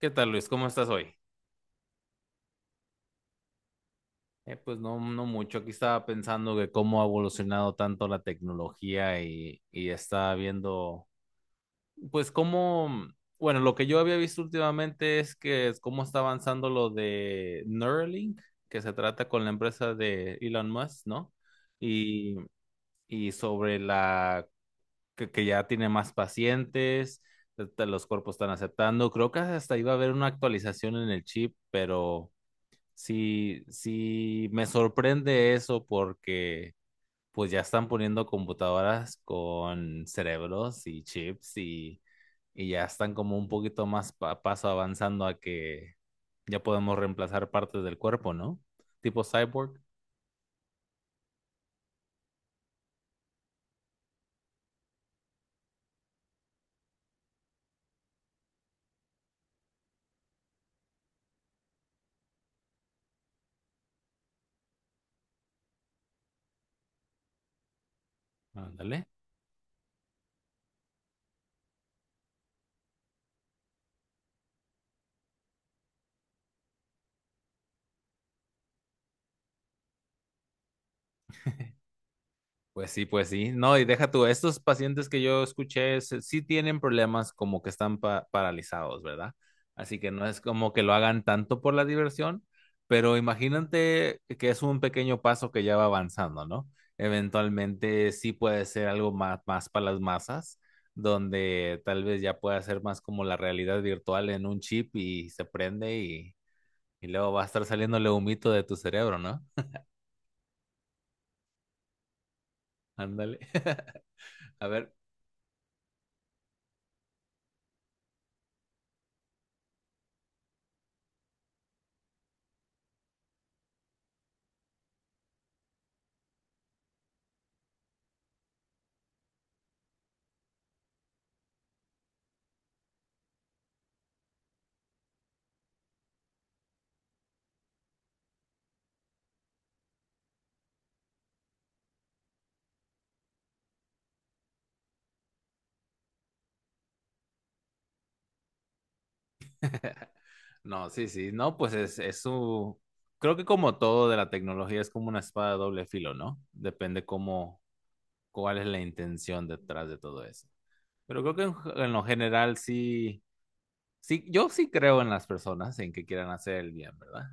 ¿Qué tal, Luis? ¿Cómo estás hoy? Pues no mucho. Aquí estaba pensando que cómo ha evolucionado tanto la tecnología y estaba viendo, pues cómo, bueno, lo que yo había visto últimamente es que es cómo está avanzando lo de Neuralink, que se trata con la empresa de Elon Musk, ¿no? Y, y sobre la que ya tiene más pacientes, los cuerpos están aceptando. Creo que hasta iba a haber una actualización en el chip, pero sí, sí, me sorprende eso porque pues ya están poniendo computadoras con cerebros y chips y ya están como un poquito más paso avanzando a que ya podemos reemplazar partes del cuerpo, ¿no? Tipo cyborg. Ándale. Pues sí, pues sí. No, y deja tú, estos pacientes que yo escuché sí tienen problemas como que están paralizados, ¿verdad? Así que no es como que lo hagan tanto por la diversión, pero imagínate que es un pequeño paso que ya va avanzando, ¿no? Eventualmente sí puede ser algo más, más para las masas, donde tal vez ya pueda ser más como la realidad virtual en un chip y se prende y luego va a estar saliéndole humito de tu cerebro, ¿no? Ándale. A ver. No, sí, sí, no, pues es su... Creo que como todo de la tecnología es como una espada de doble filo, ¿no? Depende cómo, cuál es la intención detrás de todo eso. Pero creo que en lo general sí, sí, yo sí creo en las personas, en que quieran hacer el bien, ¿verdad?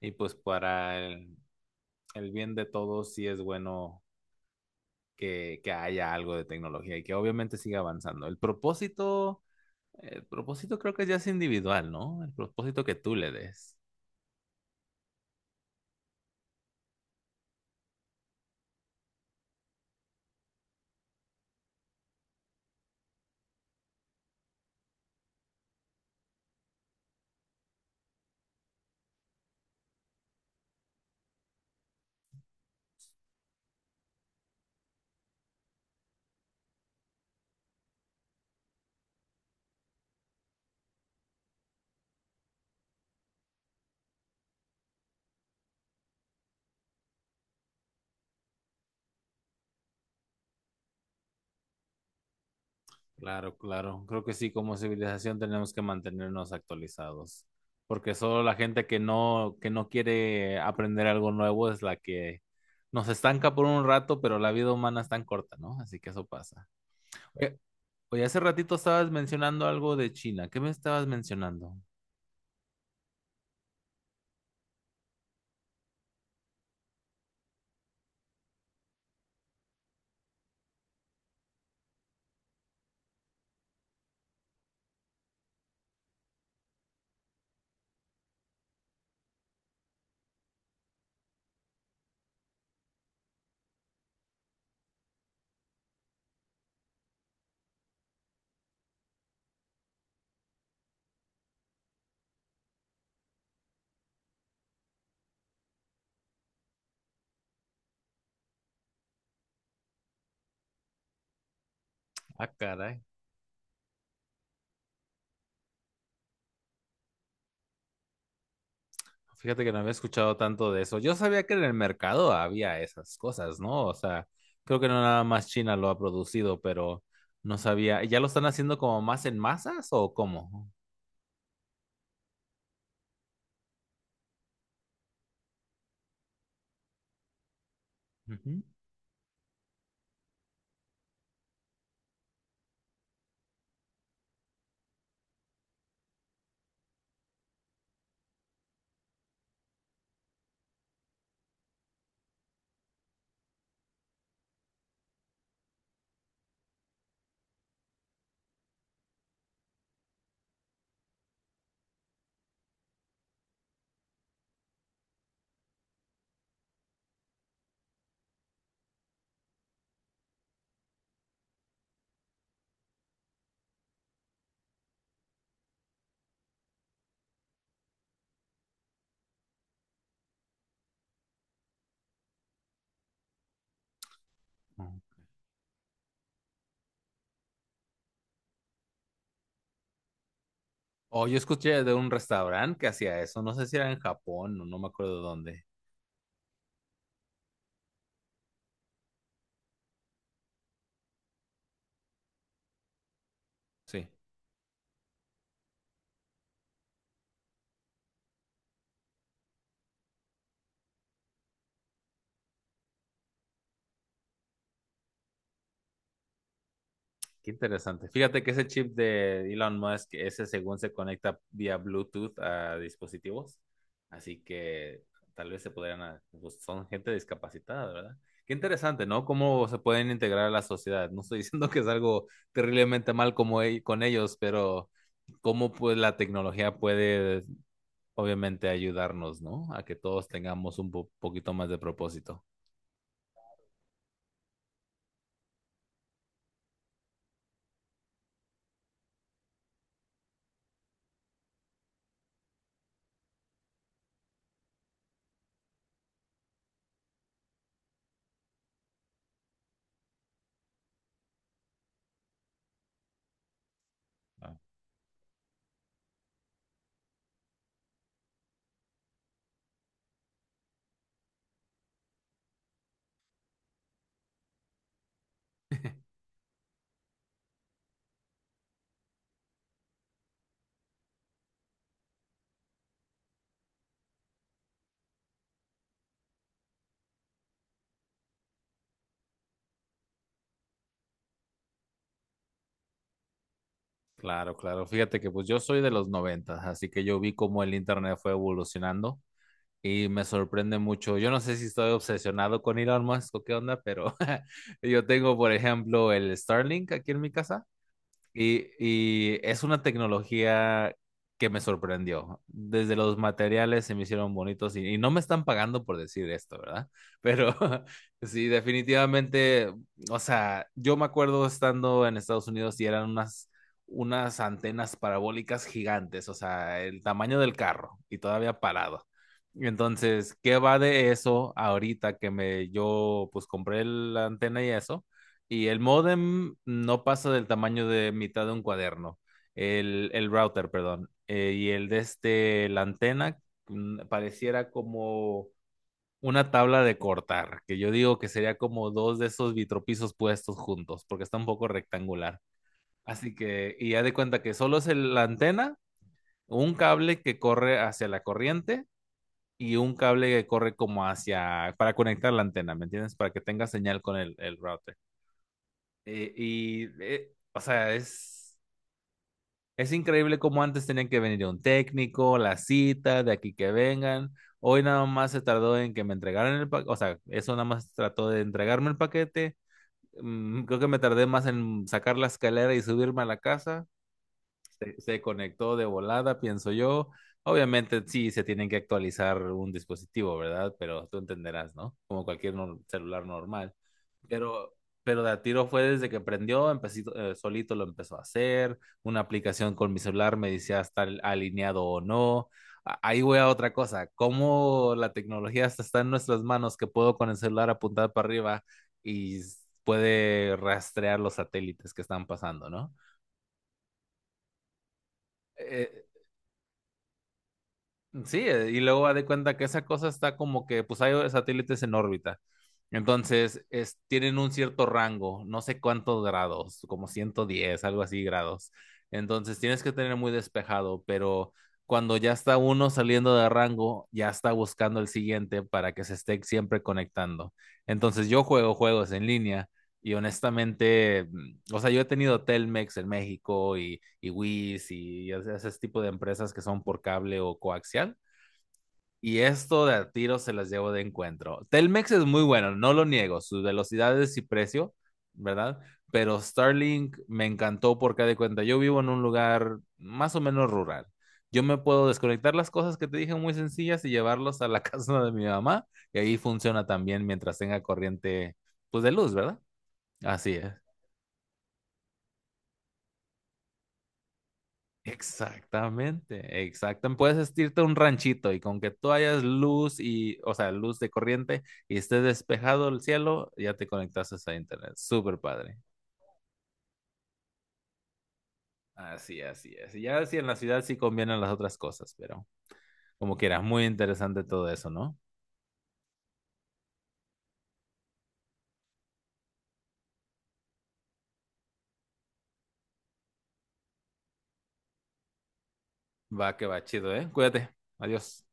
Y pues para el bien de todos sí es bueno que haya algo de tecnología y que obviamente siga avanzando. El propósito creo que ya es individual, ¿no? El propósito que tú le des. Claro, claro. Creo que sí, como civilización tenemos que mantenernos actualizados, porque solo la gente que no quiere aprender algo nuevo es la que nos estanca por un rato, pero la vida humana es tan corta, ¿no? Así que eso pasa. Oye, oye, hace ratito estabas mencionando algo de China. ¿Qué me estabas mencionando? Ah, caray. Fíjate que no había escuchado tanto de eso. Yo sabía que en el mercado había esas cosas, ¿no? O sea, creo que no nada más China lo ha producido, pero no sabía. ¿Ya lo están haciendo como más en masas o cómo? Ujú. O yo escuché de un restaurante que hacía eso. No sé si era en Japón o no me acuerdo dónde. Sí. Qué interesante. Fíjate que ese chip de Elon Musk, ese según se conecta vía Bluetooth a dispositivos, así que tal vez se podrían, a- pues son gente discapacitada, ¿verdad? Qué interesante, ¿no? Cómo se pueden integrar a la sociedad. No estoy diciendo que es algo terriblemente mal como con ellos, pero cómo pues la tecnología puede obviamente ayudarnos, ¿no? A que todos tengamos un poquito más de propósito. ¿No? Claro, claro. Fíjate que pues yo soy de los noventas, así que yo vi cómo el internet fue evolucionando y me sorprende mucho. Yo no sé si estoy obsesionado con Elon Musk o qué onda, pero yo tengo, por ejemplo, el Starlink aquí en mi casa y es una tecnología que me sorprendió. Desde los materiales se me hicieron bonitos y no me están pagando por decir esto, ¿verdad? Pero sí, definitivamente, o sea, yo me acuerdo estando en Estados Unidos y eran unas, unas antenas parabólicas gigantes, o sea, el tamaño del carro y todavía parado. Entonces, ¿qué va de eso ahorita que me yo pues compré la antena y eso? Y el modem no pasa del tamaño de mitad de un cuaderno. El router, perdón. Y el de este, la antena, pareciera como una tabla de cortar, que yo digo que sería como dos de esos vitropisos puestos juntos, porque está un poco rectangular. Así que, y ya de cuenta que solo es la antena, un cable que corre hacia la corriente y un cable que corre como hacia, para conectar la antena, ¿me entiendes? Para que tenga señal con el router. O sea, es increíble cómo antes tenían que venir un técnico, la cita, de aquí que vengan. Hoy nada más se tardó en que me entregaran el paquete, o sea, eso nada más trató de entregarme el paquete. Creo que me tardé más en sacar la escalera y subirme a la casa. Se conectó de volada, pienso yo. Obviamente sí se tienen que actualizar un dispositivo, ¿verdad? Pero tú entenderás, ¿no? Como cualquier celular normal. Pero, pero de a tiro fue desde que prendió, empecé, solito lo empezó a hacer. Una aplicación con mi celular me decía está alineado o no. Ahí voy a otra cosa. Cómo la tecnología hasta está en nuestras manos, que puedo con el celular apuntar para arriba y puede rastrear los satélites que están pasando, ¿no? Eh, sí, y luego haz de cuenta que esa cosa está como que, pues hay satélites en órbita. Entonces, es, tienen un cierto rango, no sé cuántos grados, como 110, algo así grados. Entonces, tienes que tener muy despejado, pero cuando ya está uno saliendo de rango, ya está buscando el siguiente para que se esté siempre conectando. Entonces, yo juego juegos en línea y honestamente o sea, yo he tenido Telmex en México y Wiz y ese tipo de empresas que son por cable o coaxial. Y esto de a tiro se las llevo de encuentro. Telmex es muy bueno, no lo niego, sus velocidades y precio, ¿verdad? Pero Starlink me encantó porque de cuenta, yo vivo en un lugar más o menos rural. Yo me puedo desconectar las cosas que te dije muy sencillas y llevarlos a la casa de mi mamá y ahí funciona también mientras tenga corriente, pues de luz, ¿verdad? Así es. Exactamente, exactamente. Puedes irte a un ranchito y con que tú hayas luz y, o sea, luz de corriente y esté despejado el cielo, ya te conectas a internet. Súper padre. Así, así es. Y ya sí en la ciudad sí convienen las otras cosas, pero como quieras, muy interesante todo eso, ¿no? Va que va, chido, ¿eh? Cuídate. Adiós.